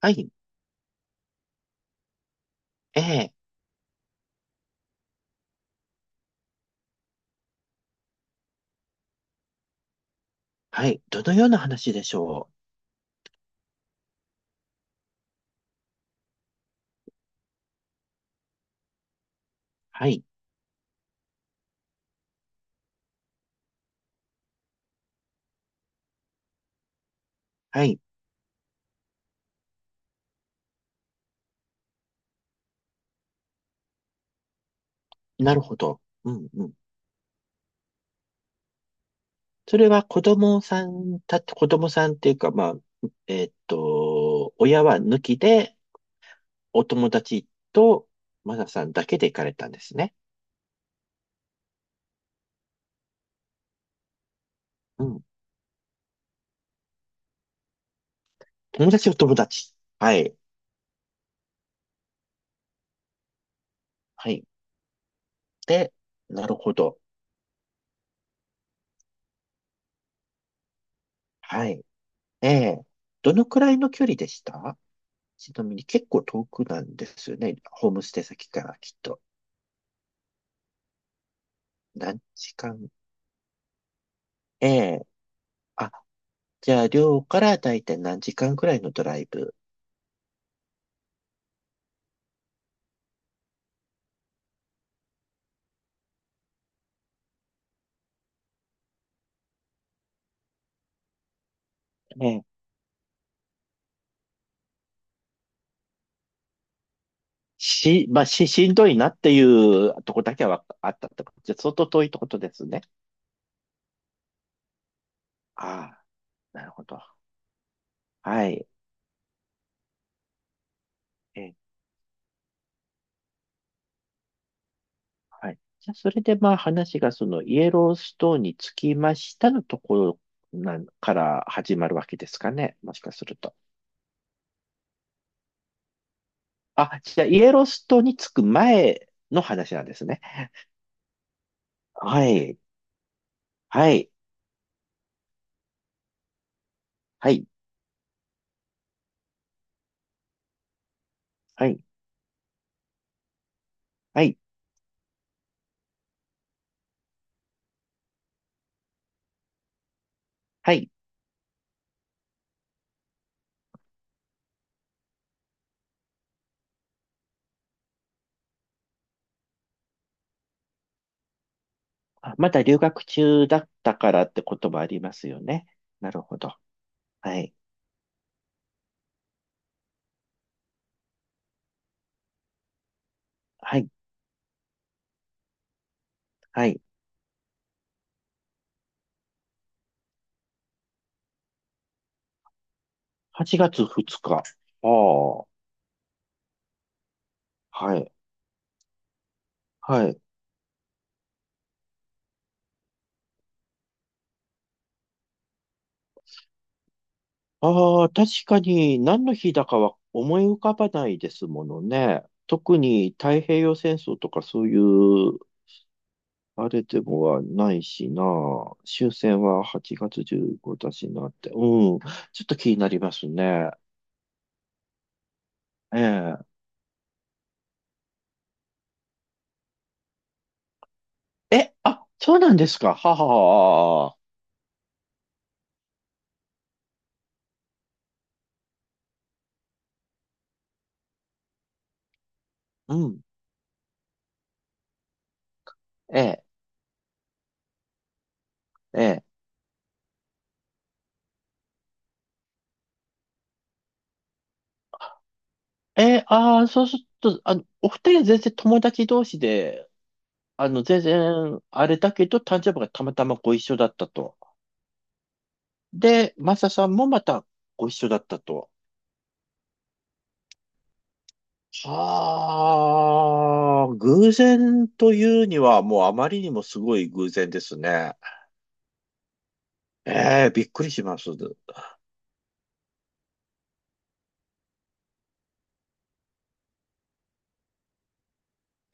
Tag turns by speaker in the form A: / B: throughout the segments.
A: はい。ええ。はい。どのような話でしょう。はい。はい。なるほど。うんうん。それは子供さんっていうか、まあ、親は抜きで、お友達と、マナさんだけで行かれたんですね。うん。友達、お友達。はい。はい。で、なるほど。はい。ええ。どのくらいの距離でした？ちなみに結構遠くなんですよね。ホームステイ先からきっと。何時間？ええ。あ、じゃあ、寮からだいたい何時間くらいのドライブ。ね。まあ、しんどいなっていうとこだけはあったってことで、相当遠いってことですね。ああ、なるほど。はい。えーはい。じゃあ、それでまあ話がそのイエローストーンにつきましたのところなんから始まるわけですかね。もしかすると。あ、じゃあ、イエローストーンに着く前の話なんですね。はい。はい。はい。はい。はい。はい。あ、まだ留学中だったからってこともありますよね。なるほど。はい。はい。はい。8月2日。ああ。はい。はい。ああ、確かに何の日だかは思い浮かばないですものね。特に太平洋戦争とかそういう、あれでもはないしな。終戦は8月15だしなって。うん。ちょっと気になりますね。ええ。え、あ、そうなんですか。はははは。うん。ええ。ええ。ああ、そうすると、お二人は全然友達同士で、全然、あれだけど、誕生日がたまたまご一緒だったと。で、マサさんもまたご一緒だったと。はあ、偶然というには、もうあまりにもすごい偶然ですね。ええ、びっくりします。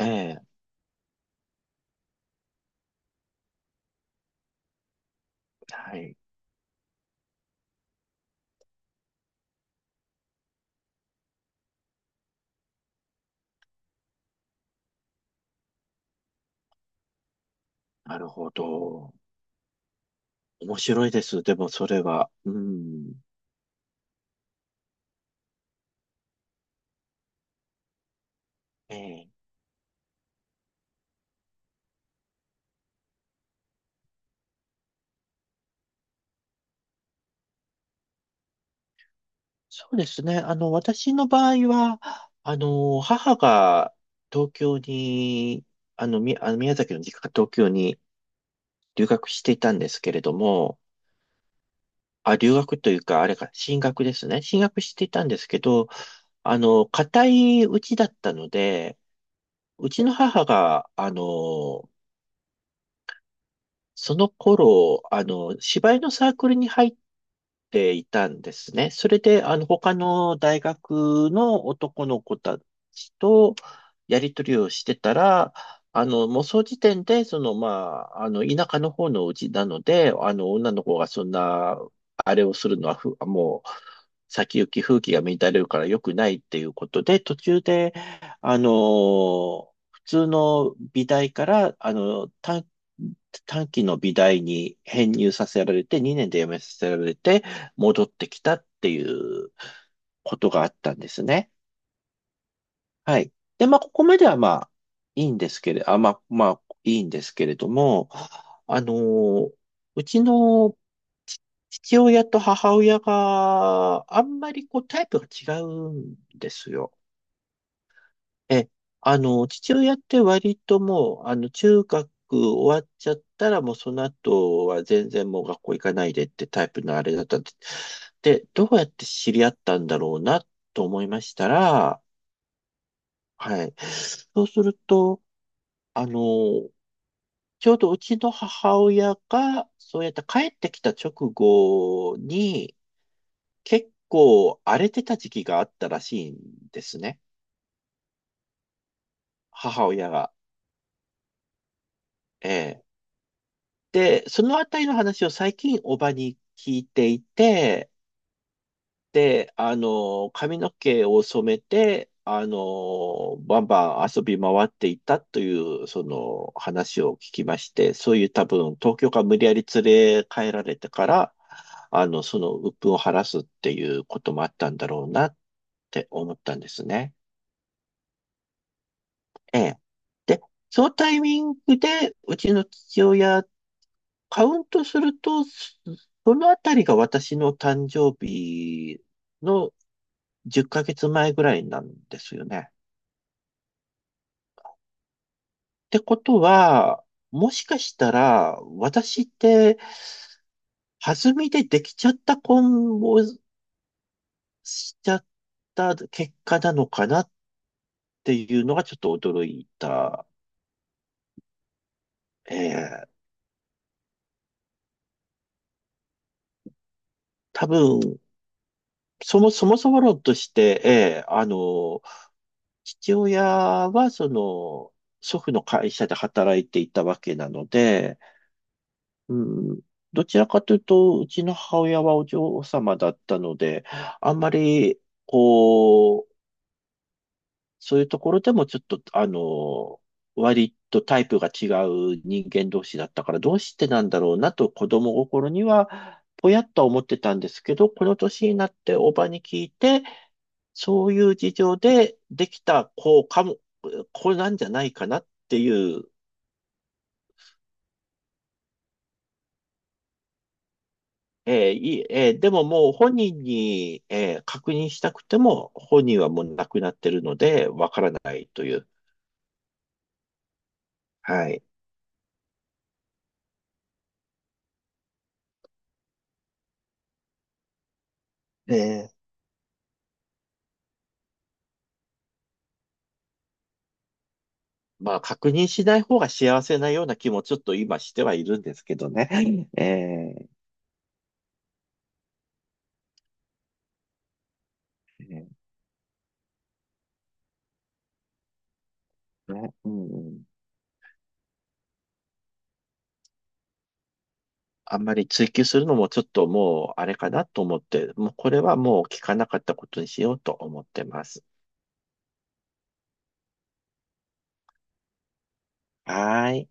A: ええ、はい。なるほど。面白いです。でも、それは。うん。ええ。そうですね。私の場合は、母が東京に、あの宮崎の実家が東京に留学していたんですけれども、あ、留学というか、あれか、進学ですね。進学していたんですけど、固いうちだったので、うちの母が、その頃、芝居のサークルに入っていたんですね。それで、他の大学の男の子たちとやり取りをしてたら、もうその時点で、まあ、田舎の方のうちなので、女の子がそんな、あれをするのはもう、先行き風紀が乱れるから良くないっていうことで、途中で、普通の美大から、短期の美大に編入させられて、2年で辞めさせられて、戻ってきたっていうことがあったんですね。はい。で、まあ、ここまではまあ、いいんですけれども、あのーうちのち父親と母親があんまりこうタイプが違うんですよ。え、あの、父親って割ともう、中学終わっちゃったらもうその後は全然もう学校行かないでってタイプのあれだったんです。で、どうやって知り合ったんだろうなと思いましたら、はい。そうすると、あの、ちょうどうちの母親が、そうやって帰ってきた直後に、結構荒れてた時期があったらしいんですね。母親が。ええ。で、そのあたりの話を最近おばに聞いていて、で、髪の毛を染めて、バンバン遊び回っていたという、その話を聞きまして、そういう多分、東京から無理やり連れ帰られてから、その鬱憤を晴らすっていうこともあったんだろうなって思ったんですね。ええ。で、そのタイミングで、うちの父親、カウントすると、そのあたりが私の誕生日の10ヶ月前ぐらいなんですよね。ってことは、もしかしたら、私って、弾みでできちゃった婚をしちゃった結果なのかなっていうのがちょっと驚いた。ええ。多分、そもそも論として、ええ。父親は、祖父の会社で働いていたわけなので、うん、どちらかというと、うちの母親はお嬢様だったので、あんまり、こう、そういうところでもちょっと、割とタイプが違う人間同士だったから、どうしてなんだろうなと子供心には、ぽやっとは思ってたんですけど、この年になっておばに聞いて、そういう事情でできた子かも、これなんじゃないかなっていう、いい、でも、もう本人に、確認したくても、本人はもう亡くなってるので、わからないという。はい。えーまあ、確認しない方が幸せなような気もちょっと今してはいるんですけどね。えー。えー。ね。うんうん。あんまり追求するのもちょっともうあれかなと思って、もうこれはもう聞かなかったことにしようと思ってます。はーい。